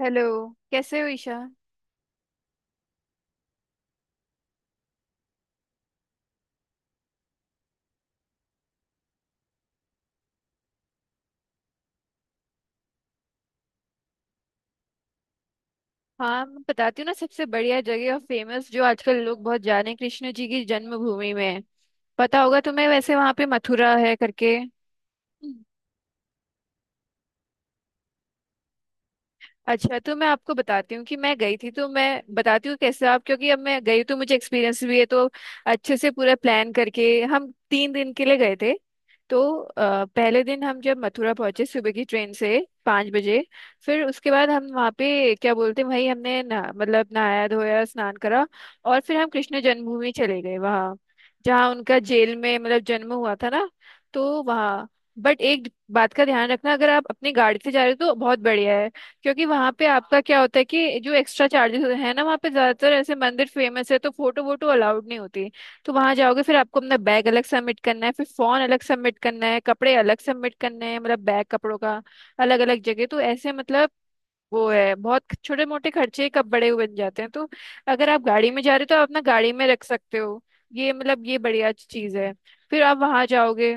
Hello. कैसे हो ईशा। हाँ मैं बताती हूँ ना, सबसे बढ़िया जगह और फेमस जो आजकल लोग बहुत जाने, कृष्ण जी की जन्मभूमि में है। पता होगा तुम्हें, वैसे वहां पे मथुरा है करके। अच्छा, तो मैं आपको बताती हूँ कि मैं गई थी, तो मैं बताती हूँ कैसे आप, क्योंकि अब मैं गई तो मुझे एक्सपीरियंस भी है, तो अच्छे से पूरा प्लान करके। हम 3 दिन के लिए गए थे। तो पहले दिन हम जब मथुरा पहुंचे, सुबह की ट्रेन से 5 बजे। फिर उसके बाद हम वहाँ पे क्या बोलते हैं, वहीं हमने ना, मतलब नहाया धोया स्नान करा। और फिर हम कृष्ण जन्मभूमि चले गए वहाँ, जहाँ उनका जेल में मतलब जन्म हुआ था ना। तो वहाँ, बट एक बात का ध्यान रखना, अगर आप अपनी गाड़ी से जा रहे हो तो बहुत बढ़िया है। क्योंकि वहां पे आपका क्या होता है कि जो एक्स्ट्रा चार्जेस है ना, वहाँ पे ज्यादातर ऐसे मंदिर फेमस है, तो फोटो वोटो अलाउड नहीं होती। तो वहां जाओगे, फिर आपको अपना बैग अलग सबमिट करना है, फिर फोन अलग सबमिट करना है, कपड़े अलग सबमिट करने हैं, मतलब बैग कपड़ों का अलग अलग जगह, तो ऐसे मतलब। वो है बहुत छोटे मोटे खर्चे, कब बड़े हुए बन जाते हैं, तो अगर आप गाड़ी में जा रहे हो तो आप अपना गाड़ी में रख सकते हो। ये मतलब ये बढ़िया चीज है। फिर आप वहां जाओगे।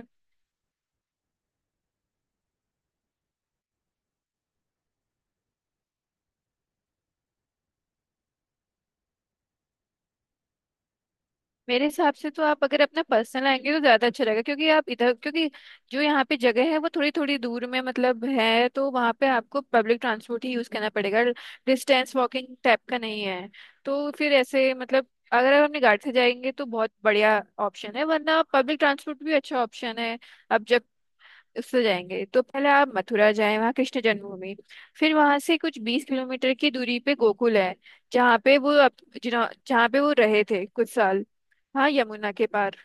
मेरे हिसाब से तो आप अगर अपना पर्सनल आएंगे तो ज्यादा अच्छा रहेगा, क्योंकि आप इधर क्योंकि जो यहाँ पे जगह है वो थोड़ी थोड़ी दूर में मतलब है, तो वहाँ पे आपको पब्लिक ट्रांसपोर्ट ही यूज करना पड़ेगा। डिस्टेंस वॉकिंग टाइप का नहीं है, तो फिर ऐसे मतलब। अगर आप अपनी गाड़ी से जाएंगे तो बहुत बढ़िया ऑप्शन है, वरना पब्लिक ट्रांसपोर्ट भी अच्छा ऑप्शन है। अब जब उससे जाएंगे, तो पहले आप मथुरा जाएं, वहाँ कृष्ण जन्मभूमि। फिर वहां से कुछ 20 किलोमीटर की दूरी पे गोकुल है, जहाँ पे वो रहे थे कुछ साल, हाँ, यमुना के पार।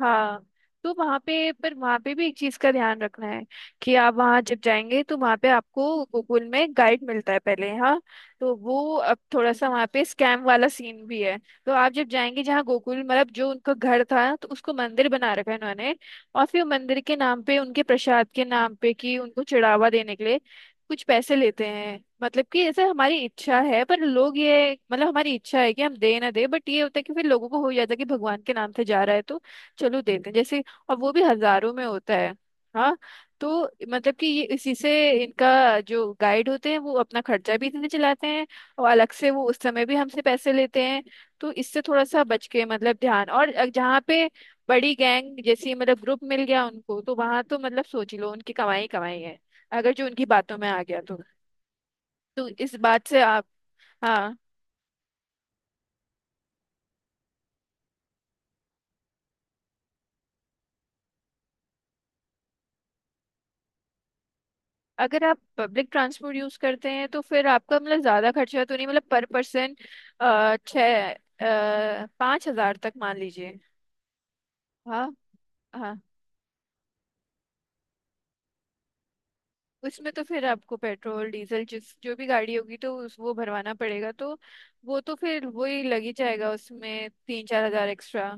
हाँ। तो वहाँ पे, पर वहाँ पे भी एक चीज का ध्यान रखना है कि आप वहाँ जब जाएंगे, तो वहाँ पे आपको गूगल में गाइड मिलता है पहले, हाँ। तो वो अब थोड़ा सा वहाँ पे स्कैम वाला सीन भी है। तो आप जब जाएंगे जहाँ गोकुल, मतलब जो उनका घर था, तो उसको मंदिर बना रखा है उन्होंने। और फिर मंदिर के नाम पे, उनके प्रसाद के नाम पे, कि उनको चढ़ावा देने के लिए कुछ पैसे लेते हैं, मतलब कि ऐसा हमारी इच्छा है, पर लोग ये मतलब हमारी इच्छा है कि हम दे ना दे, बट ये होता है कि फिर लोगों को हो जाता है कि भगवान के नाम से जा रहा है तो चलो देते हैं जैसे। और वो भी हजारों में होता है। हाँ। तो मतलब कि ये इसी से इनका जो गाइड होते हैं वो अपना खर्चा भी इतने चलाते हैं। और अलग से वो उस समय भी हमसे पैसे लेते हैं। तो इससे थोड़ा सा बच के, मतलब ध्यान, और जहाँ पे बड़ी गैंग जैसी, मतलब ग्रुप मिल गया उनको, तो वहां तो मतलब सोच ही लो उनकी कमाई ही कमाई है, अगर जो उनकी बातों में आ गया तो। तो इस बात से आप। हाँ। अगर आप पब्लिक ट्रांसपोर्ट यूज करते हैं तो फिर आपका मतलब ज्यादा खर्चा तो नहीं, मतलब पर पर्सन। छः 5 हजार तक मान लीजिए। हाँ, हाँ। उसमें तो फिर आपको पेट्रोल डीजल, जिस जो भी गाड़ी होगी तो उस वो भरवाना पड़ेगा, तो वो तो फिर वही लग ही जाएगा, उसमें 3-4 हजार एक्स्ट्रा।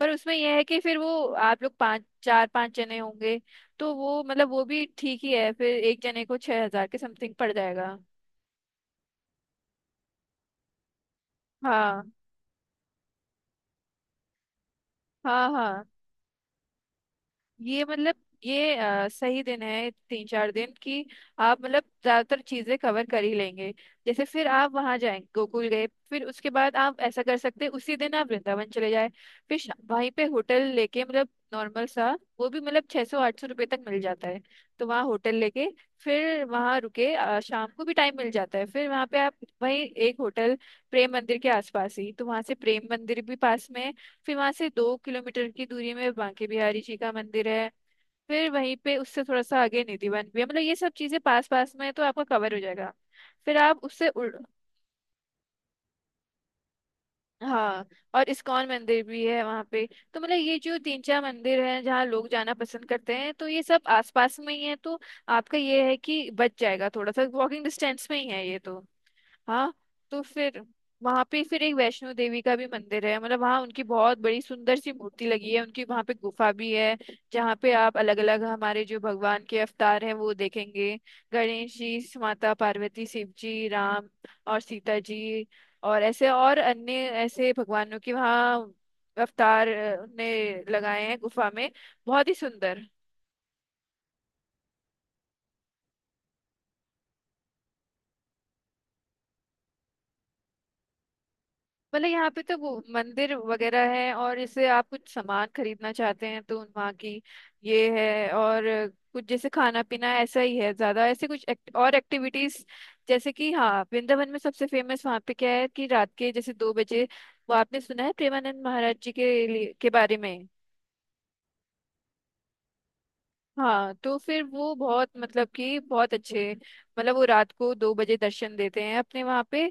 पर उसमें यह है कि फिर वो आप लोग पाँच चार पाँच जने होंगे, तो वो मतलब वो भी ठीक ही है, फिर एक जने को 6 हजार के समथिंग पड़ जाएगा। हाँ, हाँ, हाँ। ये मतलब ये सही दिन है, 3-4 दिन की। आप मतलब ज्यादातर चीजें कवर कर ही लेंगे। जैसे फिर आप वहां जाएं, गोकुल गए, फिर उसके बाद आप ऐसा कर सकते हैं, उसी दिन आप वृंदावन चले जाए। फिर वहीं पे होटल लेके, मतलब नॉर्मल सा। वो भी मतलब 600-800 रुपये तक मिल जाता है। तो वहाँ होटल लेके फिर वहाँ रुके, शाम को भी टाइम मिल जाता है, फिर वहाँ पे आप वहीं एक होटल, प्रेम मंदिर के आसपास ही। तो वहाँ से प्रेम मंदिर भी पास में है। फिर वहां से 2 किलोमीटर की दूरी में बांके बिहारी जी का मंदिर है। फिर वहीं पे उससे थोड़ा सा आगे निधिवन भी है, मतलब ये सब चीजें पास पास में है, तो आपका कवर हो जाएगा। फिर आप उससे उड़। हाँ, और इस्कॉन मंदिर भी है वहाँ पे। तो मतलब ये जो तीन चार मंदिर हैं जहाँ लोग जाना पसंद करते हैं, तो ये सब आसपास में ही है, तो आपका ये है कि बच जाएगा, थोड़ा सा वॉकिंग डिस्टेंस में ही है ये तो। हाँ। तो फिर वहां पे फिर एक वैष्णो देवी का भी मंदिर है, मतलब वहाँ उनकी बहुत बड़ी सुंदर सी मूर्ति लगी है उनकी, वहाँ पे गुफा भी है जहाँ पे आप अलग अलग हमारे जो भगवान के अवतार हैं वो देखेंगे। गणेश जी, माता पार्वती, शिव जी, राम और सीता जी, और ऐसे और अन्य ऐसे भगवानों के वहाँ अवतार ने लगाए हैं गुफा में, बहुत ही सुंदर। मतलब यहाँ पे तो वो मंदिर वगैरह है, और जैसे आप कुछ सामान खरीदना चाहते हैं तो वहाँ की ये है, और कुछ जैसे खाना पीना ऐसा ही है, ज्यादा ऐसे कुछ और एक्टिविटीज, जैसे कि हाँ, वृंदावन में सबसे फेमस वहाँ पे क्या है कि रात के जैसे 2 बजे, वो आपने सुना है प्रेमानंद महाराज जी के बारे में। हाँ। तो फिर वो बहुत, मतलब कि बहुत अच्छे, मतलब वो रात को 2 बजे दर्शन देते हैं अपने वहाँ पे,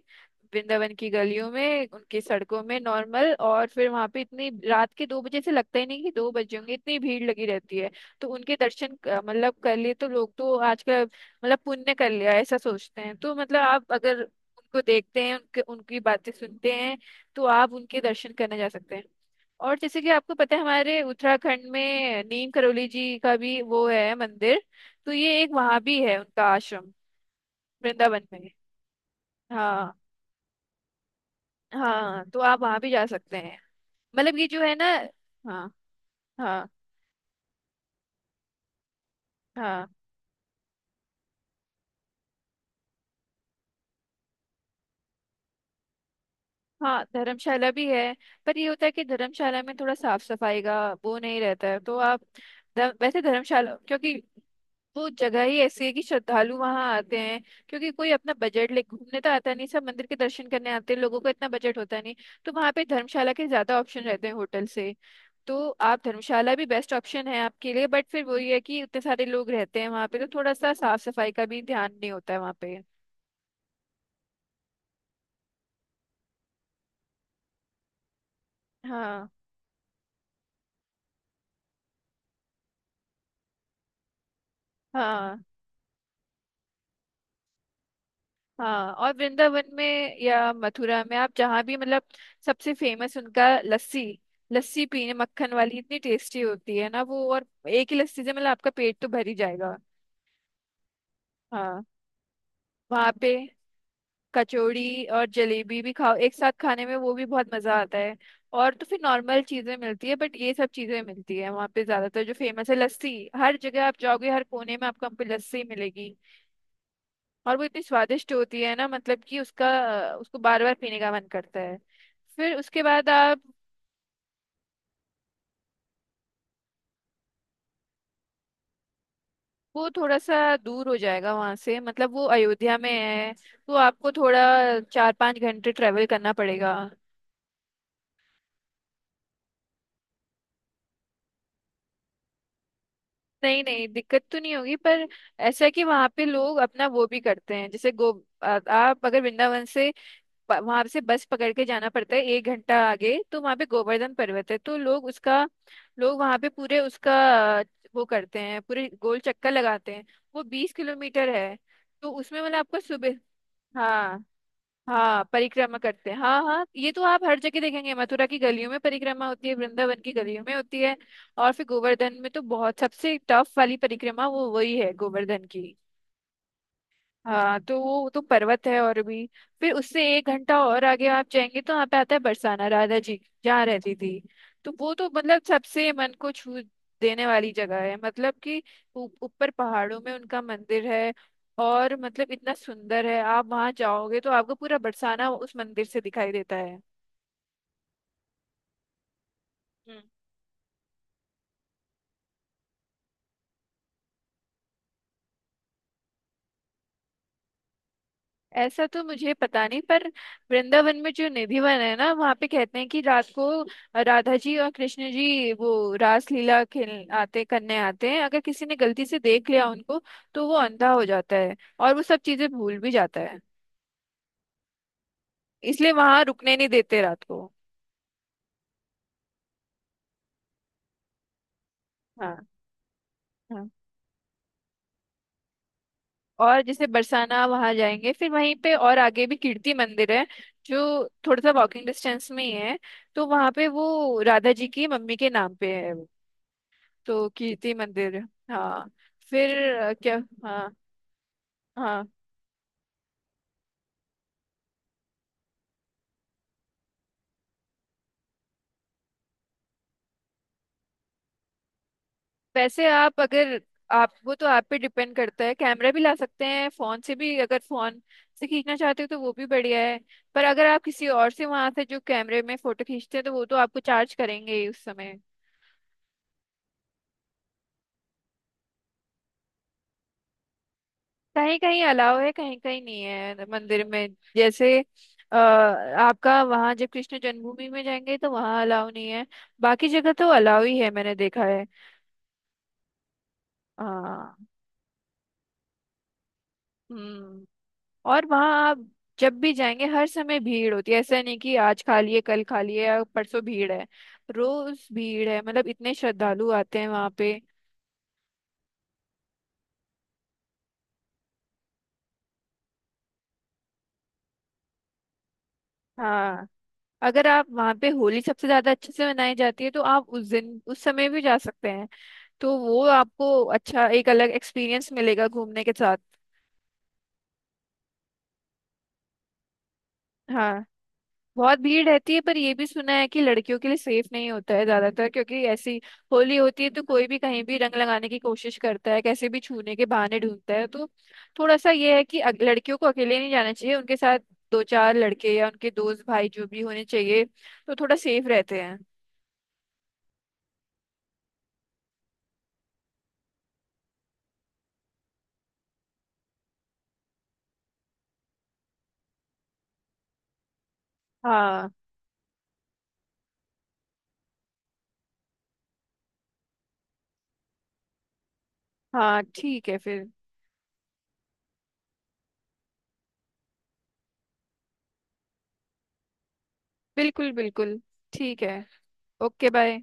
वृंदावन की गलियों में, उनकी सड़कों में नॉर्मल। और फिर वहाँ पे इतनी रात के, 2 बजे से लगता ही नहीं कि 2 बजे होंगे, इतनी भीड़ लगी रहती है। तो उनके दर्शन मतलब कर लिए तो लोग तो आजकल मतलब पुण्य कर लिया ऐसा सोचते हैं, तो मतलब आप अगर उनको देखते हैं, उनके उनकी बातें सुनते हैं, तो आप उनके दर्शन करने जा सकते हैं। और जैसे कि आपको पता है हमारे उत्तराखंड में नीम करोली जी का भी वो है मंदिर, तो ये एक वहां भी है उनका आश्रम, वृंदावन में। हाँ, हाँ। तो आप वहां भी जा सकते हैं, मतलब ये जो है ना। हाँ, हाँ, हाँ, हाँ। धर्मशाला भी है, पर ये होता है कि धर्मशाला में थोड़ा साफ सफाई का वो नहीं रहता है, तो आप वैसे धर्मशाला, क्योंकि वो जगह ही ऐसी है कि श्रद्धालु वहां आते हैं, क्योंकि कोई अपना बजट ले घूमने तो आता नहीं, सब मंदिर के दर्शन करने आते हैं, लोगों का इतना बजट होता नहीं, तो वहां पे धर्मशाला के ज्यादा ऑप्शन रहते हैं होटल से। तो आप, धर्मशाला भी बेस्ट ऑप्शन है आपके लिए, बट फिर वही है कि इतने सारे लोग रहते हैं वहां पे, तो थोड़ा सा साफ सफाई का भी ध्यान नहीं होता है वहां पे। हाँ, हाँ, हाँ। और वृंदावन में या मथुरा में आप जहाँ भी मतलब, सबसे फेमस उनका लस्सी, लस्सी पीने मक्खन वाली, इतनी टेस्टी होती है ना वो, और एक ही लस्सी से मतलब आपका पेट तो भर ही जाएगा। हाँ, वहाँ पे कचौड़ी और जलेबी भी खाओ एक साथ, खाने में वो भी बहुत मजा आता है। और तो फिर नॉर्मल चीजें मिलती है, बट ये सब चीजें मिलती है वहाँ पे, ज्यादातर जो फेमस है लस्सी, हर जगह आप जाओगे हर कोने में आपको हमको लस्सी मिलेगी। और वो इतनी स्वादिष्ट होती है ना, मतलब कि उसका, उसको बार बार पीने का मन करता है। फिर उसके बाद आप, वो थोड़ा सा दूर हो जाएगा वहां से, मतलब वो अयोध्या में है, तो आपको थोड़ा 4-5 घंटे ट्रेवल करना पड़ेगा। नहीं, नहीं, दिक्कत तो नहीं होगी, पर ऐसा है कि वहां पे लोग अपना वो भी करते हैं, जैसे आप अगर वृंदावन से, वहां से बस पकड़ के जाना पड़ता है 1 घंटा आगे, तो वहां पे गोवर्धन पर्वत है, तो लोग उसका, लोग वहां पे पूरे उसका अ, वो करते हैं, पूरे गोल चक्कर लगाते हैं। वो 20 किलोमीटर है। तो उसमें मतलब आपको सुबह। हाँ, हाँ, परिक्रमा करते हैं। हाँ, हाँ। ये तो आप हर जगह देखेंगे, मथुरा की गलियों में परिक्रमा होती है, वृंदावन की गलियों में होती है। और फिर गोवर्धन में तो बहुत सबसे टफ वाली परिक्रमा, वो वही है गोवर्धन की। हाँ। तो वो तो पर्वत है, और भी फिर उससे 1 घंटा और आगे आप जाएंगे तो वहाँ पे आता है बरसाना, राधा जी जहाँ रहती थी। तो वो तो मतलब सबसे मन को छू देने वाली जगह है, मतलब कि ऊपर पहाड़ों में उनका मंदिर है, और मतलब इतना सुंदर है, आप वहाँ जाओगे तो आपको पूरा बरसाना उस मंदिर से दिखाई देता है। ऐसा तो मुझे पता नहीं, पर वृंदावन में जो निधिवन है ना, वहाँ पे कहते हैं कि रात को राधा जी और कृष्ण जी वो रास लीला खेल आते करने आते हैं, अगर किसी ने गलती से देख लिया उनको, तो वो अंधा हो जाता है और वो सब चीजें भूल भी जाता है, इसलिए वहां रुकने नहीं देते रात को। हाँ, हाँ। और जैसे बरसाना वहां जाएंगे, फिर वहीं पे और आगे भी कीर्ति मंदिर है, जो थोड़ा सा वॉकिंग डिस्टेंस में ही है, तो वहां पे वो राधा जी की मम्मी के नाम पे है, तो कीर्ति मंदिर। हाँ। फिर क्या। हाँ, हाँ। वैसे आप अगर आप वो, तो आप पे डिपेंड करता है, कैमरा भी ला सकते हैं, फोन से भी अगर फोन से खींचना चाहते हो तो वो भी बढ़िया है। पर अगर आप किसी और से वहां से जो कैमरे में फोटो खींचते हैं तो वो तो आपको चार्ज करेंगे ही उस समय। कहीं कहीं अलाव है, कहीं कहीं नहीं है मंदिर में। जैसे आपका वहाँ जब कृष्ण जन्मभूमि में जाएंगे तो वहाँ अलाव नहीं है, बाकी जगह तो अलाव ही है, मैंने देखा है। हाँ। हम्म। और वहाँ आप जब भी जाएंगे हर समय भीड़ होती है, ऐसा नहीं कि आज खा लिए कल खा लिए या परसों भीड़ है, रोज भीड़ है, मतलब इतने श्रद्धालु आते हैं वहाँ पे। हाँ, अगर आप वहाँ पे, होली सबसे ज्यादा अच्छे से मनाई जाती है, तो आप उस दिन उस समय भी जा सकते हैं, तो वो आपको अच्छा एक अलग एक्सपीरियंस मिलेगा घूमने के साथ। हाँ, बहुत भीड़ रहती है, पर ये भी सुना है कि लड़कियों के लिए सेफ नहीं होता है ज्यादातर, क्योंकि ऐसी होली होती है तो कोई भी कहीं भी रंग लगाने की कोशिश करता है, कैसे भी छूने के बहाने ढूंढता है, तो थोड़ा सा ये है कि लड़कियों को अकेले नहीं जाना चाहिए, उनके साथ दो चार लड़के या उनके दोस्त भाई जो भी होने चाहिए, तो थोड़ा सेफ रहते हैं। हाँ, हाँ, ठीक है फिर। बिल्कुल, बिल्कुल। ठीक है। Okay, bye.